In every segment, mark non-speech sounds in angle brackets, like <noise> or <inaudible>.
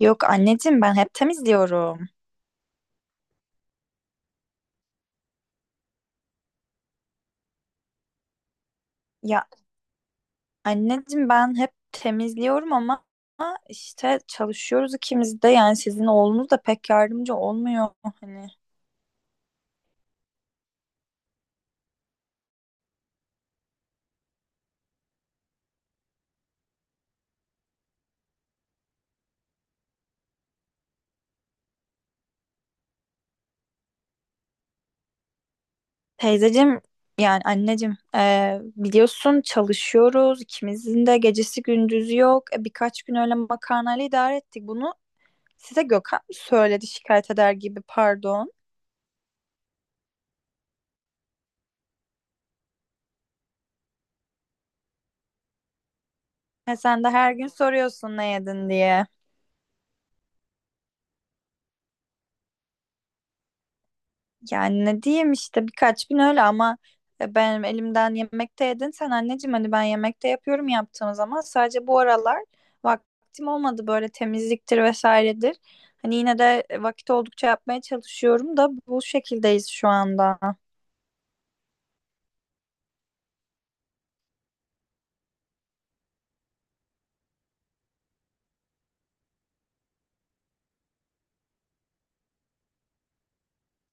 Yok anneciğim ben hep temizliyorum. Ya anneciğim ben hep temizliyorum ama işte çalışıyoruz ikimiz de, yani sizin oğlunuz da pek yardımcı olmuyor hani. Teyzeciğim, yani anneciğim biliyorsun çalışıyoruz, ikimizin de gecesi gündüzü yok. Birkaç gün öyle makarnayla idare ettik bunu, size Gökhan mı söyledi şikayet eder gibi? Pardon. Sen de her gün soruyorsun ne yedin diye. Yani ne diyeyim, işte birkaç gün öyle, ama benim elimden yemekte yedin sen anneciğim, hani ben yemekte yapıyorum, yaptığım zaman. Sadece bu aralar vaktim olmadı, böyle temizliktir vesairedir. Hani yine de vakit oldukça yapmaya çalışıyorum da bu şekildeyiz şu anda.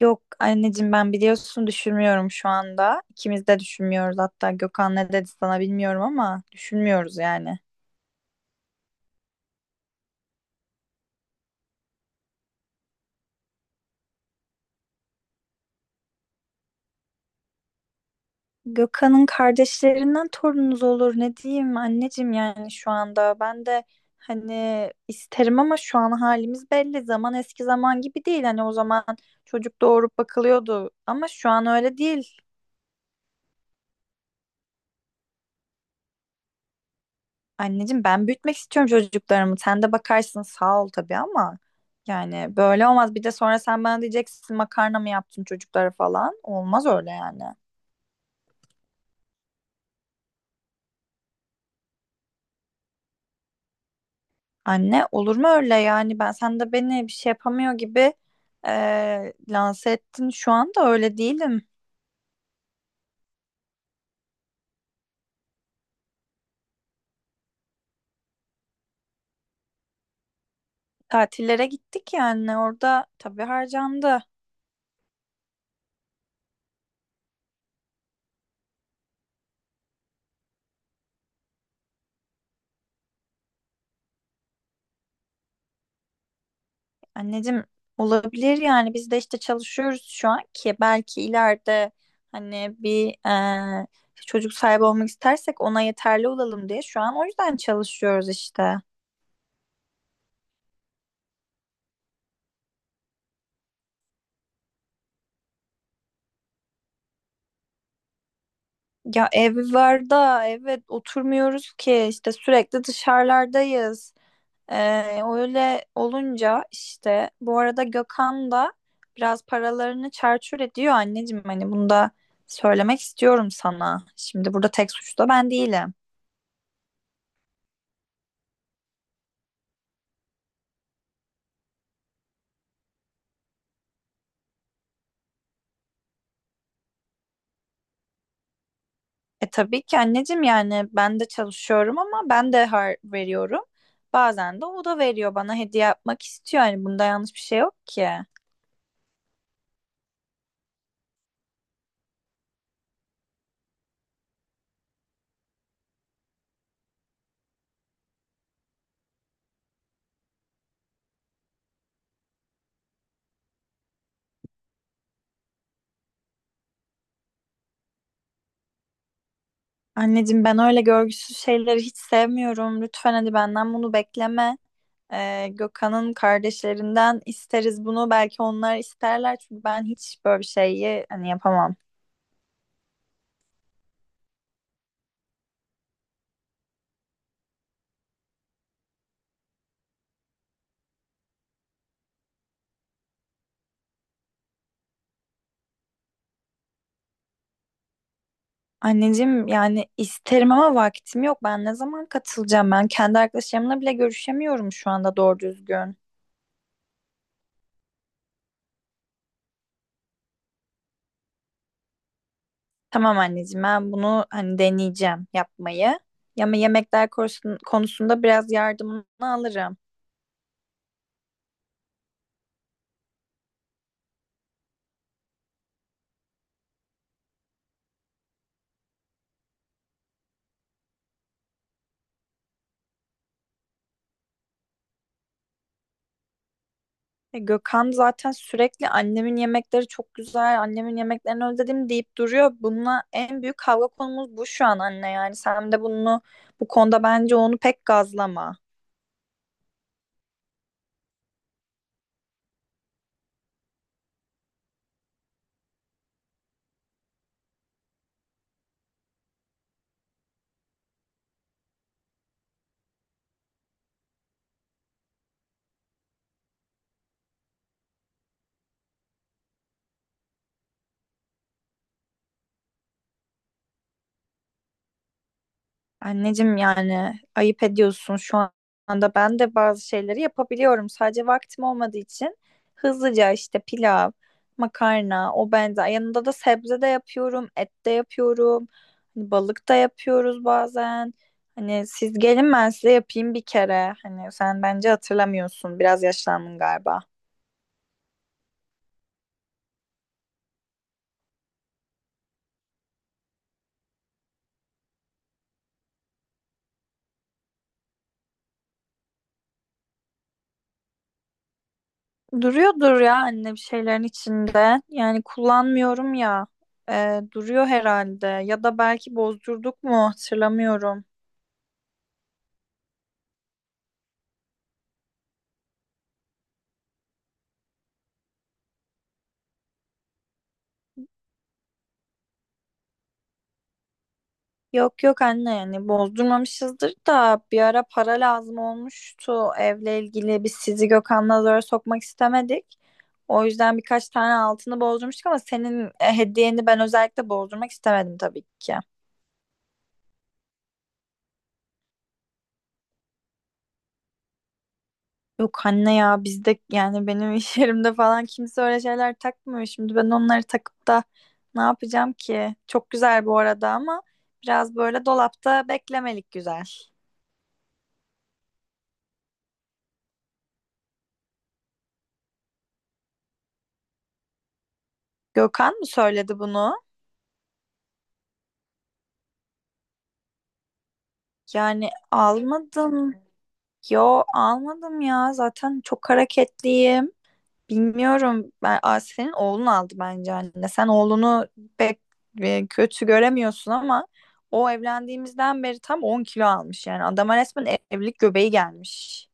Yok anneciğim, ben biliyorsun düşünmüyorum şu anda. İkimiz de düşünmüyoruz, hatta Gökhan ne dedi sana bilmiyorum ama düşünmüyoruz yani. Gökhan'ın kardeşlerinden torununuz olur, ne diyeyim anneciğim, yani şu anda ben de hani isterim, ama şu an halimiz belli, zaman eski zaman gibi değil, hani o zaman çocuk doğurup bakılıyordu ama şu an öyle değil. Anneciğim ben büyütmek istiyorum çocuklarımı, sen de bakarsın sağ ol tabii, ama yani böyle olmaz. Bir de sonra sen bana diyeceksin makarna mı yaptın çocuklara falan, olmaz öyle yani. Anne olur mu öyle, yani ben, sen de beni bir şey yapamıyor gibi lanse ettin şu anda, öyle değilim. Tatillere gittik, yani orada tabii harcandı. Anneciğim olabilir, yani biz de işte çalışıyoruz şu an ki belki ileride hani bir çocuk sahibi olmak istersek ona yeterli olalım diye, şu an o yüzden çalışıyoruz işte. Ya ev var da, evet, oturmuyoruz ki işte, sürekli dışarılardayız. Öyle olunca işte, bu arada Gökhan da biraz paralarını çarçur ediyor anneciğim, hani bunu da söylemek istiyorum sana. Şimdi burada tek suçlu da ben değilim. E tabii ki anneciğim, yani ben de çalışıyorum, ama ben de har veriyorum. Bazen de o da veriyor, bana hediye yapmak istiyor. Yani bunda yanlış bir şey yok ki. Anneciğim ben öyle görgüsüz şeyleri hiç sevmiyorum. Lütfen hadi benden bunu bekleme. Gökhan'ın kardeşlerinden isteriz bunu. Belki onlar isterler, çünkü ben hiç böyle bir şeyi hani yapamam. Anneciğim, yani isterim ama vaktim yok. Ben ne zaman katılacağım? Ben kendi arkadaşlarımla bile görüşemiyorum şu anda doğru düzgün. Tamam anneciğim, ben bunu hani deneyeceğim yapmayı. Ama yemekler konusunda biraz yardımını alırım. Gökhan zaten sürekli "annemin yemekleri çok güzel, annemin yemeklerini özledim" deyip duruyor. Bununla en büyük kavga konumuz bu şu an anne, yani sen de bunu, bu konuda bence onu pek gazlama. Anneciğim yani ayıp ediyorsun şu anda. Ben de bazı şeyleri yapabiliyorum. Sadece vaktim olmadığı için hızlıca işte pilav, makarna, o benzer. Yanında da sebze de yapıyorum, et de yapıyorum. Hani balık da yapıyoruz bazen. Hani siz gelin ben size yapayım bir kere. Hani sen bence hatırlamıyorsun, biraz yaşlandın galiba. Duruyordur ya anne bir şeylerin içinde. Yani kullanmıyorum ya. Duruyor herhalde. Ya da belki bozdurduk mu hatırlamıyorum. Yok yok anne, yani bozdurmamışızdır da, bir ara para lazım olmuştu evle ilgili. Biz sizi, Gökhan'la zora sokmak istemedik. O yüzden birkaç tane altını bozdurmuştuk, ama senin hediyeni ben özellikle bozdurmak istemedim tabii ki. Yok anne ya, bizde yani benim iş <laughs> yerimde falan kimse öyle şeyler takmıyor. Şimdi ben onları takıp da ne yapacağım ki? Çok güzel bu arada ama biraz böyle dolapta beklemelik güzel. Gökhan mı söyledi bunu? Yani almadım. Yo almadım ya, zaten çok hareketliyim. Bilmiyorum. Ben, Asiye'nin oğlunu aldı bence anne. Sen oğlunu pek kötü göremiyorsun, ama o evlendiğimizden beri tam 10 kilo almış. Yani adama resmen evlilik göbeği gelmiş.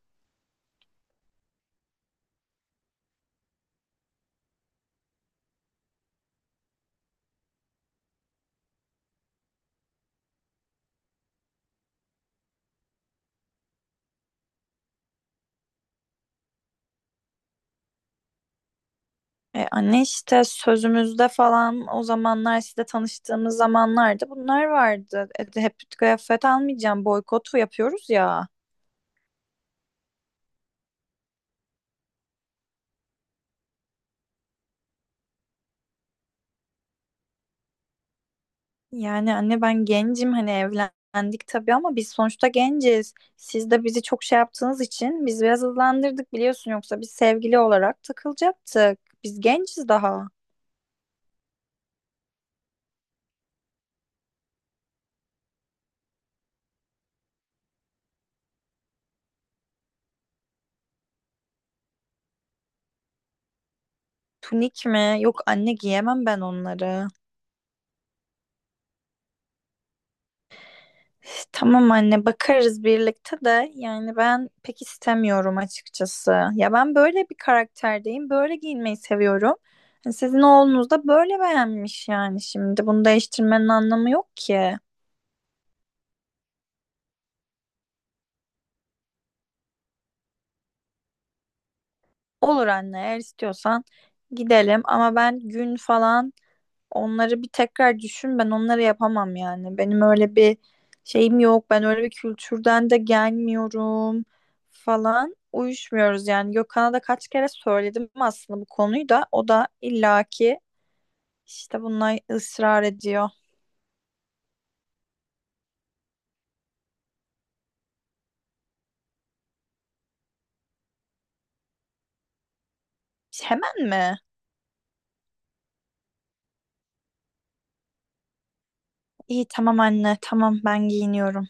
Anne işte sözümüzde falan o zamanlar, işte tanıştığımız zamanlarda bunlar vardı. Hep kıyafet almayacağım boykotu yapıyoruz ya. Yani anne ben gencim, hani evlendik tabii ama biz sonuçta genciz. Siz de bizi çok şey yaptığınız için biz biraz hızlandırdık, biliyorsun, yoksa biz sevgili olarak takılacaktık. Biz genciz daha. Tunik mi? Yok anne, giyemem ben onları. Üf, tamam anne, bakarız birlikte de yani ben pek istemiyorum açıkçası. Ya ben böyle bir karakterdeyim, böyle giyinmeyi seviyorum. Hani sizin oğlunuz da böyle beğenmiş yani şimdi. Bunu değiştirmenin anlamı yok ki. Olur anne, eğer istiyorsan gidelim, ama ben gün falan, onları bir tekrar düşün, ben onları yapamam yani. Benim öyle bir şeyim yok, ben öyle bir kültürden de gelmiyorum, falan uyuşmuyoruz yani. Gökhan'a da kaç kere söyledim aslında bu konuyu, da o da illaki işte bunlar ısrar ediyor. Hemen mi? İyi tamam anne, tamam ben giyiniyorum.